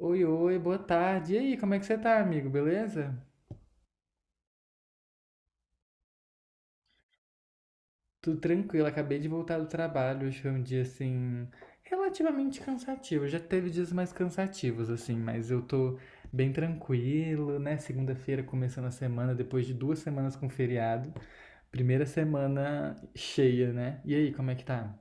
Oi, oi, boa tarde. E aí, como é que você tá, amigo? Beleza? Tudo tranquilo, acabei de voltar do trabalho. Hoje foi um dia, assim, relativamente cansativo. Já teve dias mais cansativos, assim, mas eu tô bem tranquilo, né? Segunda-feira começando a semana, depois de 2 semanas com feriado. Primeira semana cheia, né? E aí, como é que tá?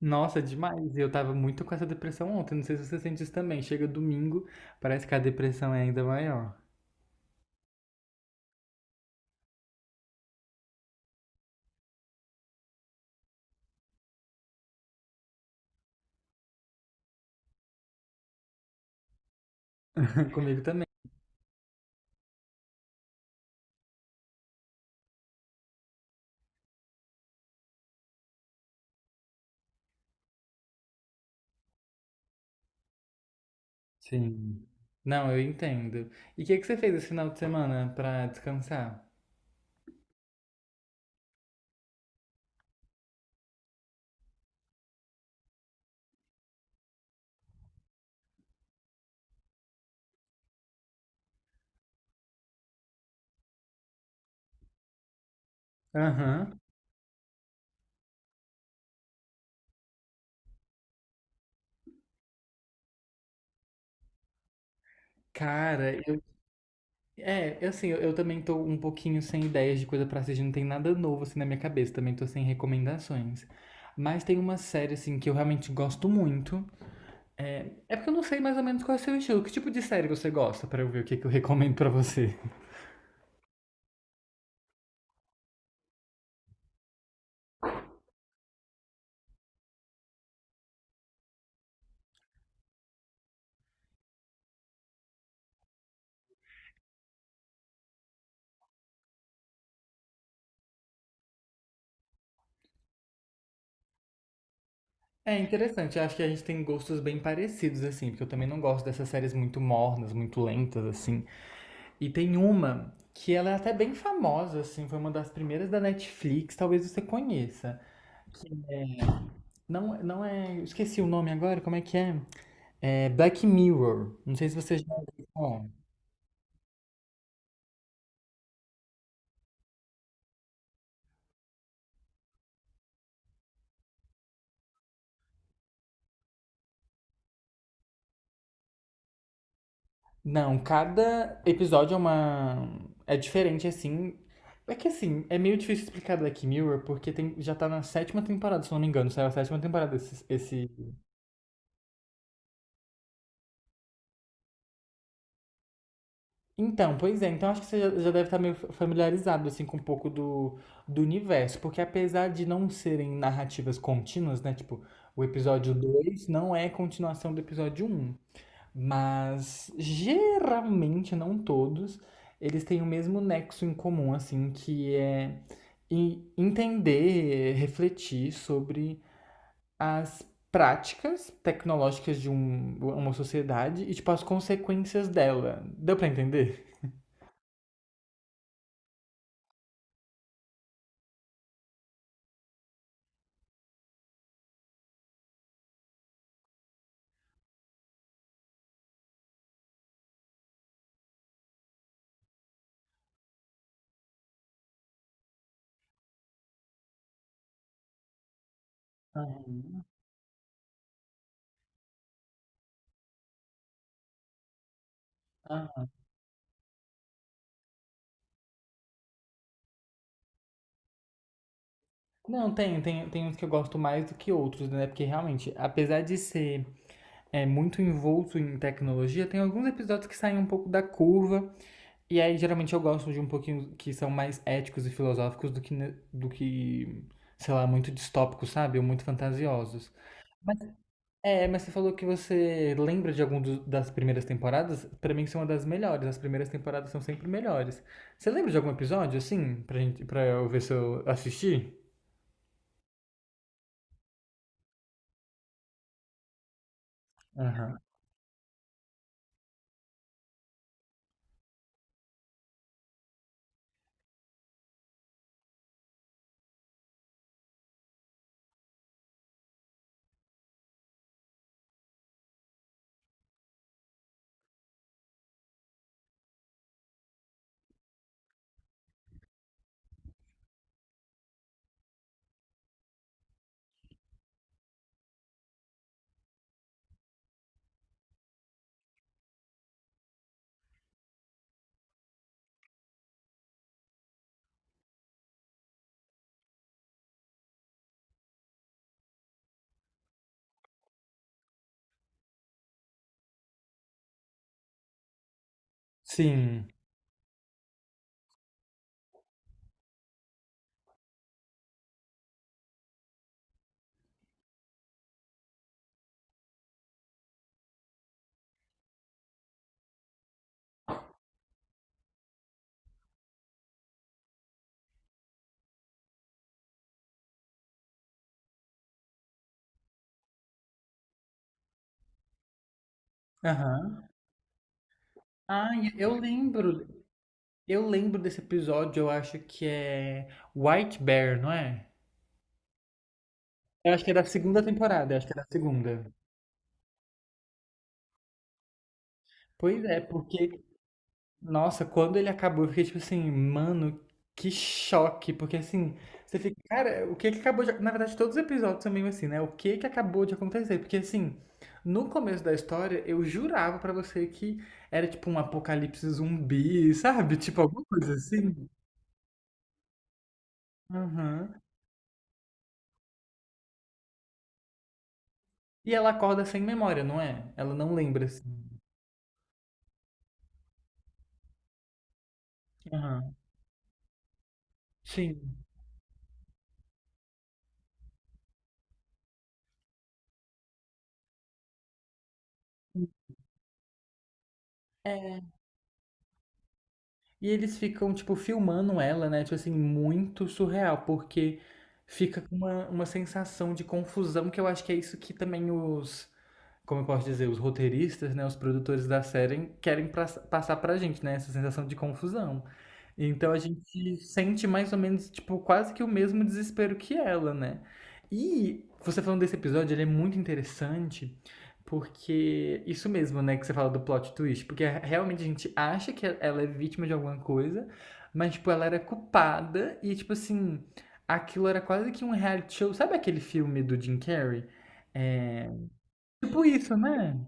Nossa, demais. Eu tava muito com essa depressão ontem. Não sei se você sente isso também. Chega domingo, parece que a depressão é ainda maior. Comigo também. Sim. Não, eu entendo. E o que que você fez esse final de semana pra descansar? Aham. Cara, eu. É, eu, assim, eu também tô um pouquinho sem ideias de coisa pra assistir, não tem nada novo assim na minha cabeça, também tô sem recomendações. Mas tem uma série, assim, que eu realmente gosto muito. É porque eu não sei mais ou menos qual é o seu estilo. Que tipo de série você gosta pra eu ver o que que eu recomendo pra você? É interessante, eu acho que a gente tem gostos bem parecidos, assim, porque eu também não gosto dessas séries muito mornas, muito lentas, assim. E tem uma que ela é até bem famosa, assim, foi uma das primeiras da Netflix, talvez você conheça. Não, não é. Esqueci o nome agora, como é que é? É Black Mirror. Não sei se você já ouviu falar. Não, cada episódio é uma. É diferente, assim. É que assim, é meio difícil explicar Black Mirror, porque tem, já tá na sétima temporada, se eu não me engano, saiu a sétima temporada esse Então, pois é. Então acho que você já deve estar meio familiarizado assim com um pouco do universo, porque apesar de não serem narrativas contínuas, né, tipo, o episódio 2 não é continuação do episódio um mas geralmente, não todos, eles têm o mesmo nexo em comum, assim, que é entender, refletir sobre as práticas tecnológicas de uma sociedade e tipo as consequências dela. Deu pra entender? Aham. Não, tem uns que eu gosto mais do que outros, né? Porque realmente, apesar de ser muito envolto em tecnologia, tem alguns episódios que saem um pouco da curva. E aí, geralmente, eu gosto de um pouquinho que são mais éticos e filosóficos do que, sei lá, muito distópicos, sabe? Ou muito fantasiosos. Mas, mas você falou que você lembra de algum das primeiras temporadas? Pra mim, são uma das melhores. As primeiras temporadas são sempre melhores. Você lembra de algum episódio, assim, pra eu ver se eu assisti? Sim. Aham. Ai, eu lembro. Eu lembro desse episódio, eu acho que é White Bear, não é? Eu acho que é da segunda temporada, eu acho que é da segunda. Pois é, porque, nossa, quando ele acabou, eu fiquei tipo assim, mano, que choque. Porque assim, você fica, cara, o que que acabou de. Na verdade, todos os episódios são meio assim, né? O que que acabou de acontecer? Porque assim, no começo da história, eu jurava pra você que era tipo um apocalipse zumbi, sabe? Tipo, alguma coisa assim. Aham. E ela acorda sem memória, não é? Ela não lembra, assim. Aham. Sim. É. E eles ficam, tipo, filmando ela, né? Tipo assim, muito surreal, porque fica com uma sensação de confusão, que eu acho que é isso que também os, como eu posso dizer, os roteiristas, né? Os produtores da série querem passar pra gente, né? Essa sensação de confusão. Então a gente sente mais ou menos, tipo, quase que o mesmo desespero que ela, né? E você falando desse episódio, ele é muito interessante. Porque isso mesmo, né, que você fala do plot twist, porque realmente a gente acha que ela é vítima de alguma coisa, mas tipo ela era culpada e tipo assim, aquilo era quase que um reality show. Sabe aquele filme do Jim Carrey? É, tipo isso, né?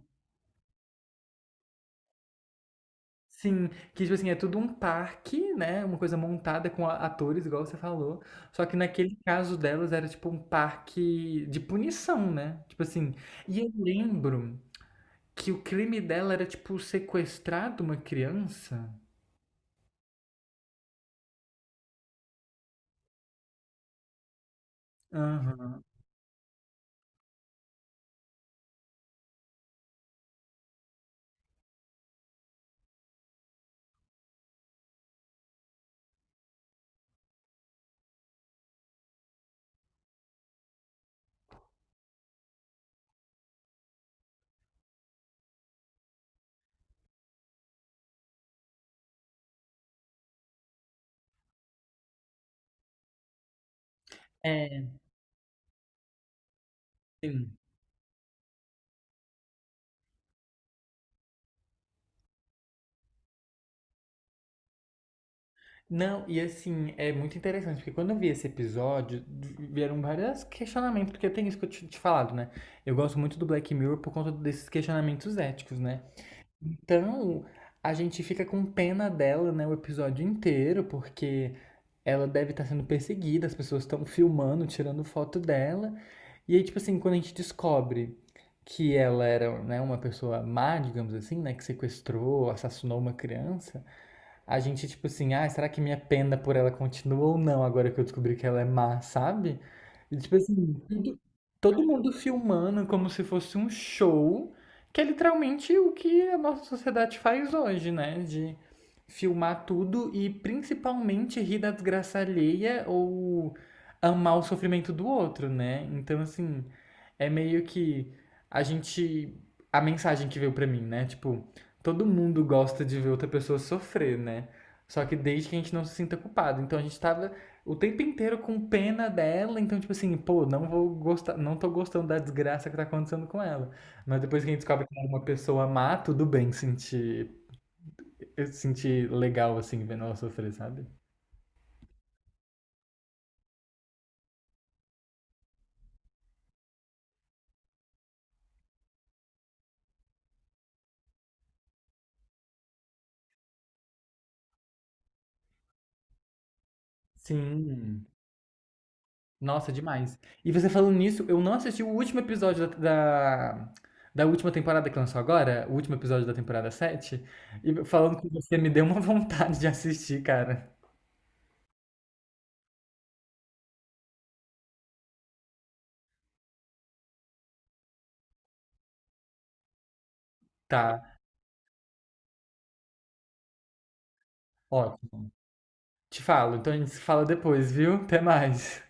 Sim, que tipo assim, é tudo um parque, né? Uma coisa montada com atores, igual você falou. Só que naquele caso delas era tipo um parque de punição, né? Tipo assim, e eu lembro que o crime dela era, tipo, sequestrar de uma criança? Aham. É, sim. Não, e assim, é muito interessante, porque quando eu vi esse episódio, vieram vários questionamentos, porque tem isso que eu tinha te falado, né? Eu gosto muito do Black Mirror por conta desses questionamentos éticos, né? Então, a gente fica com pena dela, né, o episódio inteiro, porque ela deve estar sendo perseguida, as pessoas estão filmando, tirando foto dela. E aí, tipo assim, quando a gente descobre que ela era, né, uma pessoa má, digamos assim, né, que sequestrou, assassinou uma criança, a gente, tipo assim, ah, será que minha pena por ela continua ou não agora que eu descobri que ela é má, sabe? E, tipo assim, todo mundo filmando como se fosse um show, que é literalmente o que a nossa sociedade faz hoje, né? De filmar tudo e principalmente rir da desgraça alheia ou amar o sofrimento do outro, né? Então, assim, é meio que a gente. A mensagem que veio pra mim, né? Tipo, todo mundo gosta de ver outra pessoa sofrer, né? Só que desde que a gente não se sinta culpado. Então a gente tava o tempo inteiro com pena dela, então, tipo assim, pô, não vou gostar, não tô gostando da desgraça que tá acontecendo com ela. Mas depois que a gente descobre que ela é uma pessoa má, tudo bem sentir, eu sentir legal, assim, vendo ela sofrer, sabe? Sim. Nossa, demais. E você falando nisso, eu não assisti o último episódio da, da, da última temporada que lançou agora, o último episódio da temporada 7 e falando com você me deu uma vontade de assistir, cara. Tá, ó, te falo, então a gente se fala depois, viu? Até mais.